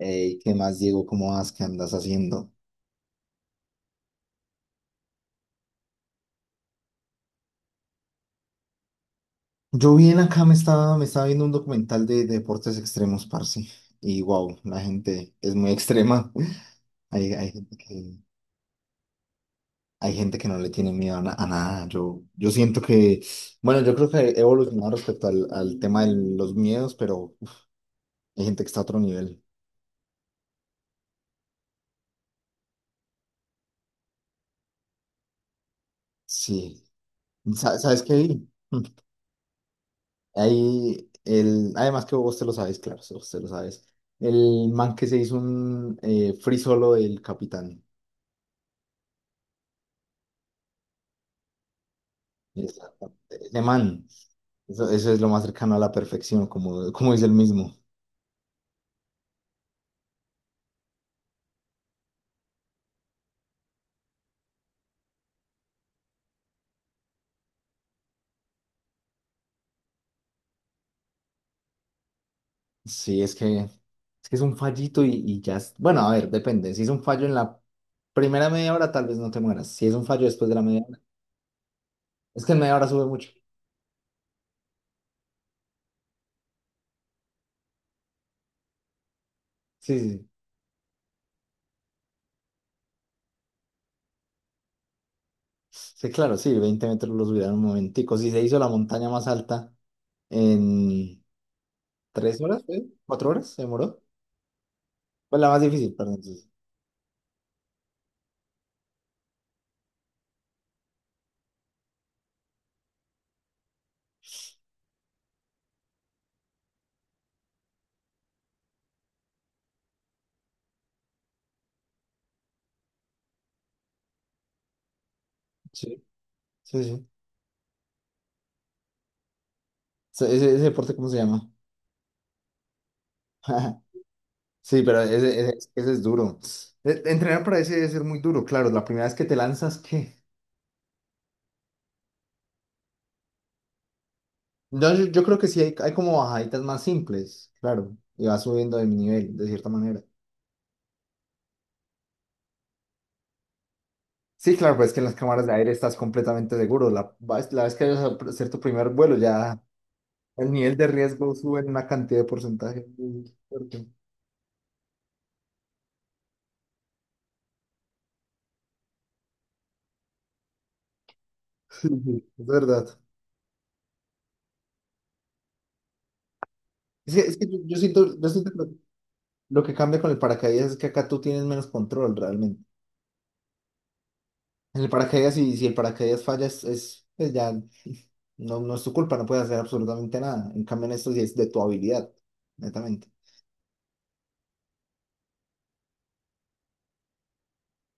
Ey, ¿qué más, Diego? ¿Cómo vas? ¿Qué andas haciendo? Yo bien acá me estaba viendo un documental de deportes extremos, parce. Y wow, la gente es muy extrema. Hay, hay gente que, hay gente que no le tiene miedo a nada. Yo siento que, bueno, yo creo que he evolucionado respecto al tema de los miedos, pero uf, hay gente que está a otro nivel. Sí. ¿Sabes qué? Vi? Ahí el, además que vos te lo sabes, claro, vos te lo sabes. El man que se hizo un free solo del capitán. Exactamente. Ese man, eso es lo más cercano a la perfección, como dice el mismo. Sí, es que es un fallito y ya. Bueno, a ver, depende. Si es un fallo en la primera media hora, tal vez no te mueras. Si es un fallo después de la media hora, es que en media hora sube mucho. Sí, sí, sí. Sí, claro, sí, 20 metros lo subirán un momentico. Si se hizo la montaña más alta en 3 horas, ¿eh? ¿4 horas? ¿Se demoró? Pues la más difícil, perdón. Sí, sí, sí. Sí. Sí. Ese deporte, ¿cómo se llama? Sí, pero ese es duro. Entrenar para ese debe ser muy duro, claro. La primera vez que te lanzas, ¿qué? No, yo creo que sí hay como bajaditas más simples, claro. Y vas subiendo de nivel, de cierta manera. Sí, claro, pues es que en las cámaras de aire estás completamente seguro. La vez que vayas a hacer tu primer vuelo, ya el nivel de riesgo sube en una cantidad de porcentaje muy fuerte. Sí, sí, es verdad. Es que yo siento que lo que cambia con el paracaídas es que acá tú tienes menos control realmente. El paracaídas, si el paracaídas falla, es, pues ya, no, no es tu culpa, no puedes hacer absolutamente nada. En cambio, en esto sí es de tu habilidad, netamente.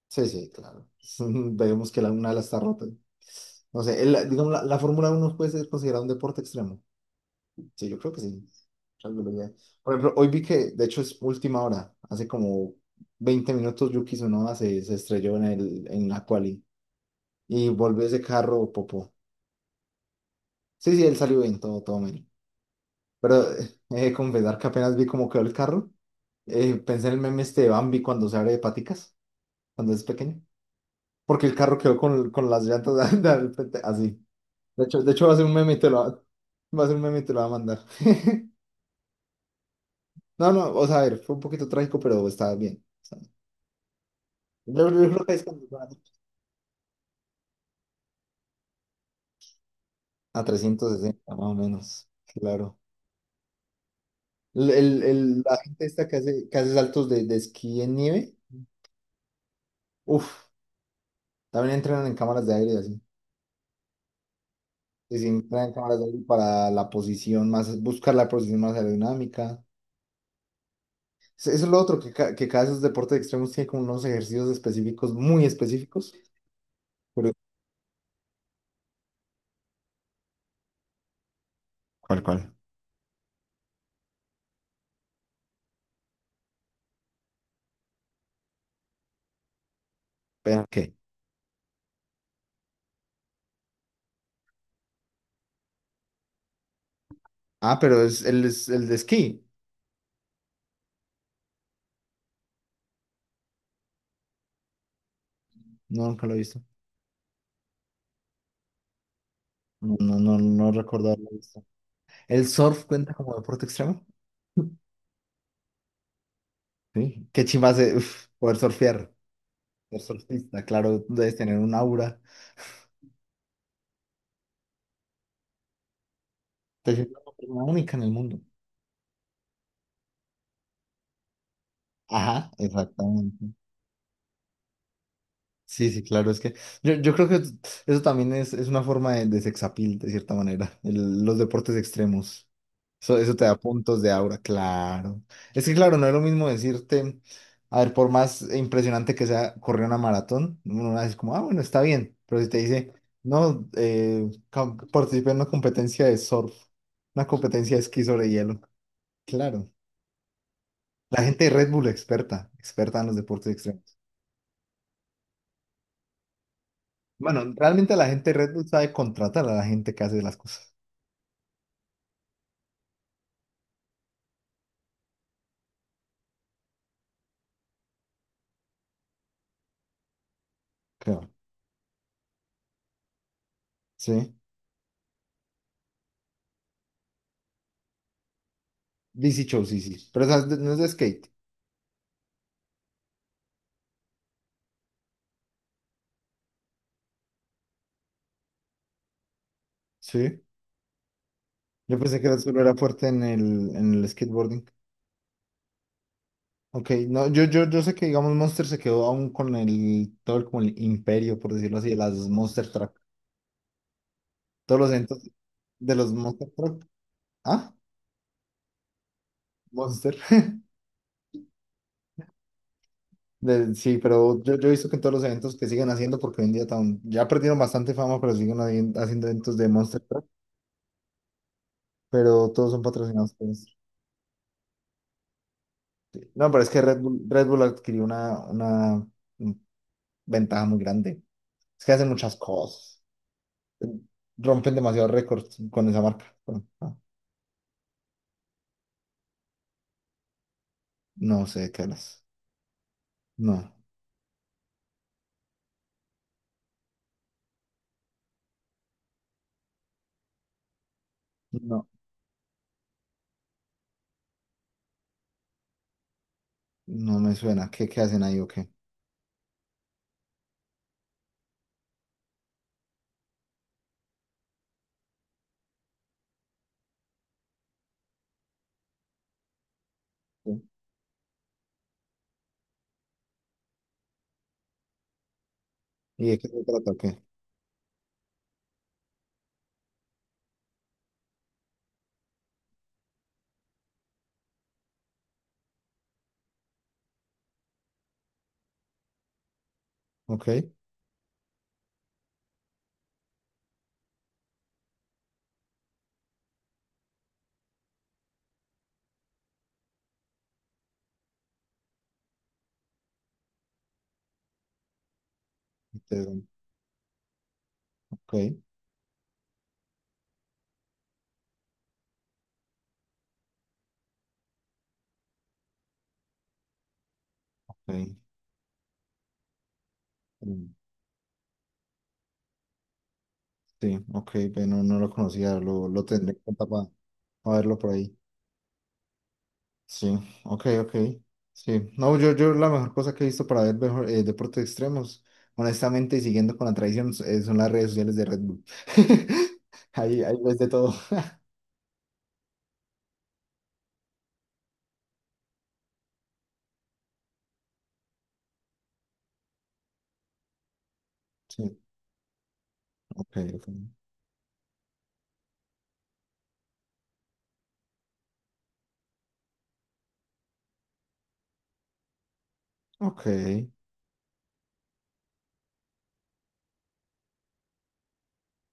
Sí, sí, claro. Vemos que la una ala está rota. No sé, digamos, la Fórmula 1 puede ser considerada un deporte extremo. Sí, yo creo que sí. Tal vez lo sea. Por ejemplo, hoy vi que, de hecho, es última hora. Hace como 20 minutos Yuki Tsunoda se estrelló en la quali y volvió ese carro, popó. Sí, sí, él salió bien, todo, todo. Pero he de confesar que apenas vi cómo quedó el carro. Pensé en el meme este de Bambi cuando se abre de paticas, cuando es pequeño. Porque el carro quedó con las llantas, de al frente, así. De hecho va a ser un meme y va a ser un meme y te lo va a mandar. No, no, o sea, a ver, fue un poquito trágico, pero estaba bien. Está bien. Yo creo que es cuando van a 360, más o menos. Claro. La gente esta que hace saltos de esquí en nieve, uff, también entrenan en cámaras de aire y así. Se sientan en cámaras de aire para buscar la posición más aerodinámica. Eso es lo otro, que cada de esos deportes extremos tiene como unos ejercicios específicos, muy específicos. Pero, ¿Cuál? ¿Pero qué? Ah, pero es el de esquí. No, nunca lo he visto. No, no, no, no recuerdo haberlo visto. ¿El surf cuenta como deporte extremo? Sí. Qué chimba hace, uf, poder surfear, ser surfista, claro, debes tener un aura. Te sientes una persona única en el mundo. Ajá, exactamente. Sí, sí, claro, es que yo creo que eso también es una forma de sexapil, de cierta manera, los deportes extremos. Eso te da puntos de aura, claro. Es que, claro, no es lo mismo decirte, a ver, por más impresionante que sea correr una maratón, uno dice como, ah, bueno, está bien, pero si te dice, no, participé en una competencia de surf, una competencia de esquí sobre hielo, claro. La gente de Red Bull experta, experta en los deportes extremos. Bueno, realmente la gente de Red Bull sabe contratar a la gente que hace las cosas. Creo. Sí. DC Show, sí, sí. Pero esa es no es de skate. Sí. Yo pensé que era solo era fuerte en el skateboarding. Ok, no, yo sé que, digamos, Monster se quedó aún con el, todo el, como el imperio, por decirlo así, de las Monster Truck. Todos los eventos de los Monster Truck. Ah, Monster. Sí, pero yo he visto que en todos los eventos que siguen haciendo, porque hoy en día, ya perdieron bastante fama, pero siguen haciendo eventos de Monster Truck. Pero todos son patrocinados por Monster. No, pero es que Red Bull adquirió una ventaja muy grande. Es que hacen muchas cosas. Rompen demasiados récords con esa marca. Bueno, ah. No sé de qué hablas. No, no, no me suena. ¿Qué hacen ahí o qué? Sí. ¿Y de qué se trata o qué? Ok, interesante. Ok, ok. Mm. Sí, ok, pero no, no lo conocía, lo tendré en cuenta para verlo por ahí. Sí, ok, ok. Sí, no, yo la mejor cosa que he visto para ver mejor, deportes extremos, honestamente, y siguiendo con la tradición, son las redes sociales de Red Bull. Ahí ves de todo. Sí, ok, ok. Ok,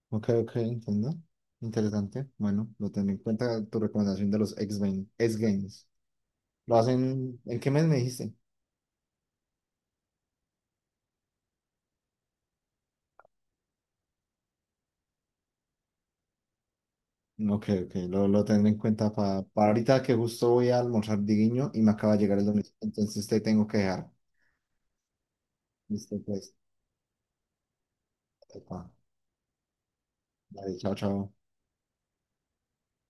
ok, ok, entiendo. Interesante. Bueno, lo tendré en cuenta tu recomendación de los X-Games. X-Games. ¿Lo hacen en qué mes me dijiste? Ok, ok, lo tendré en cuenta para ahorita que justo voy a almorzar diguiño y me acaba de llegar el domicilio, entonces te tengo que dejar. Listo, pues. Epa, dale, chao, chao.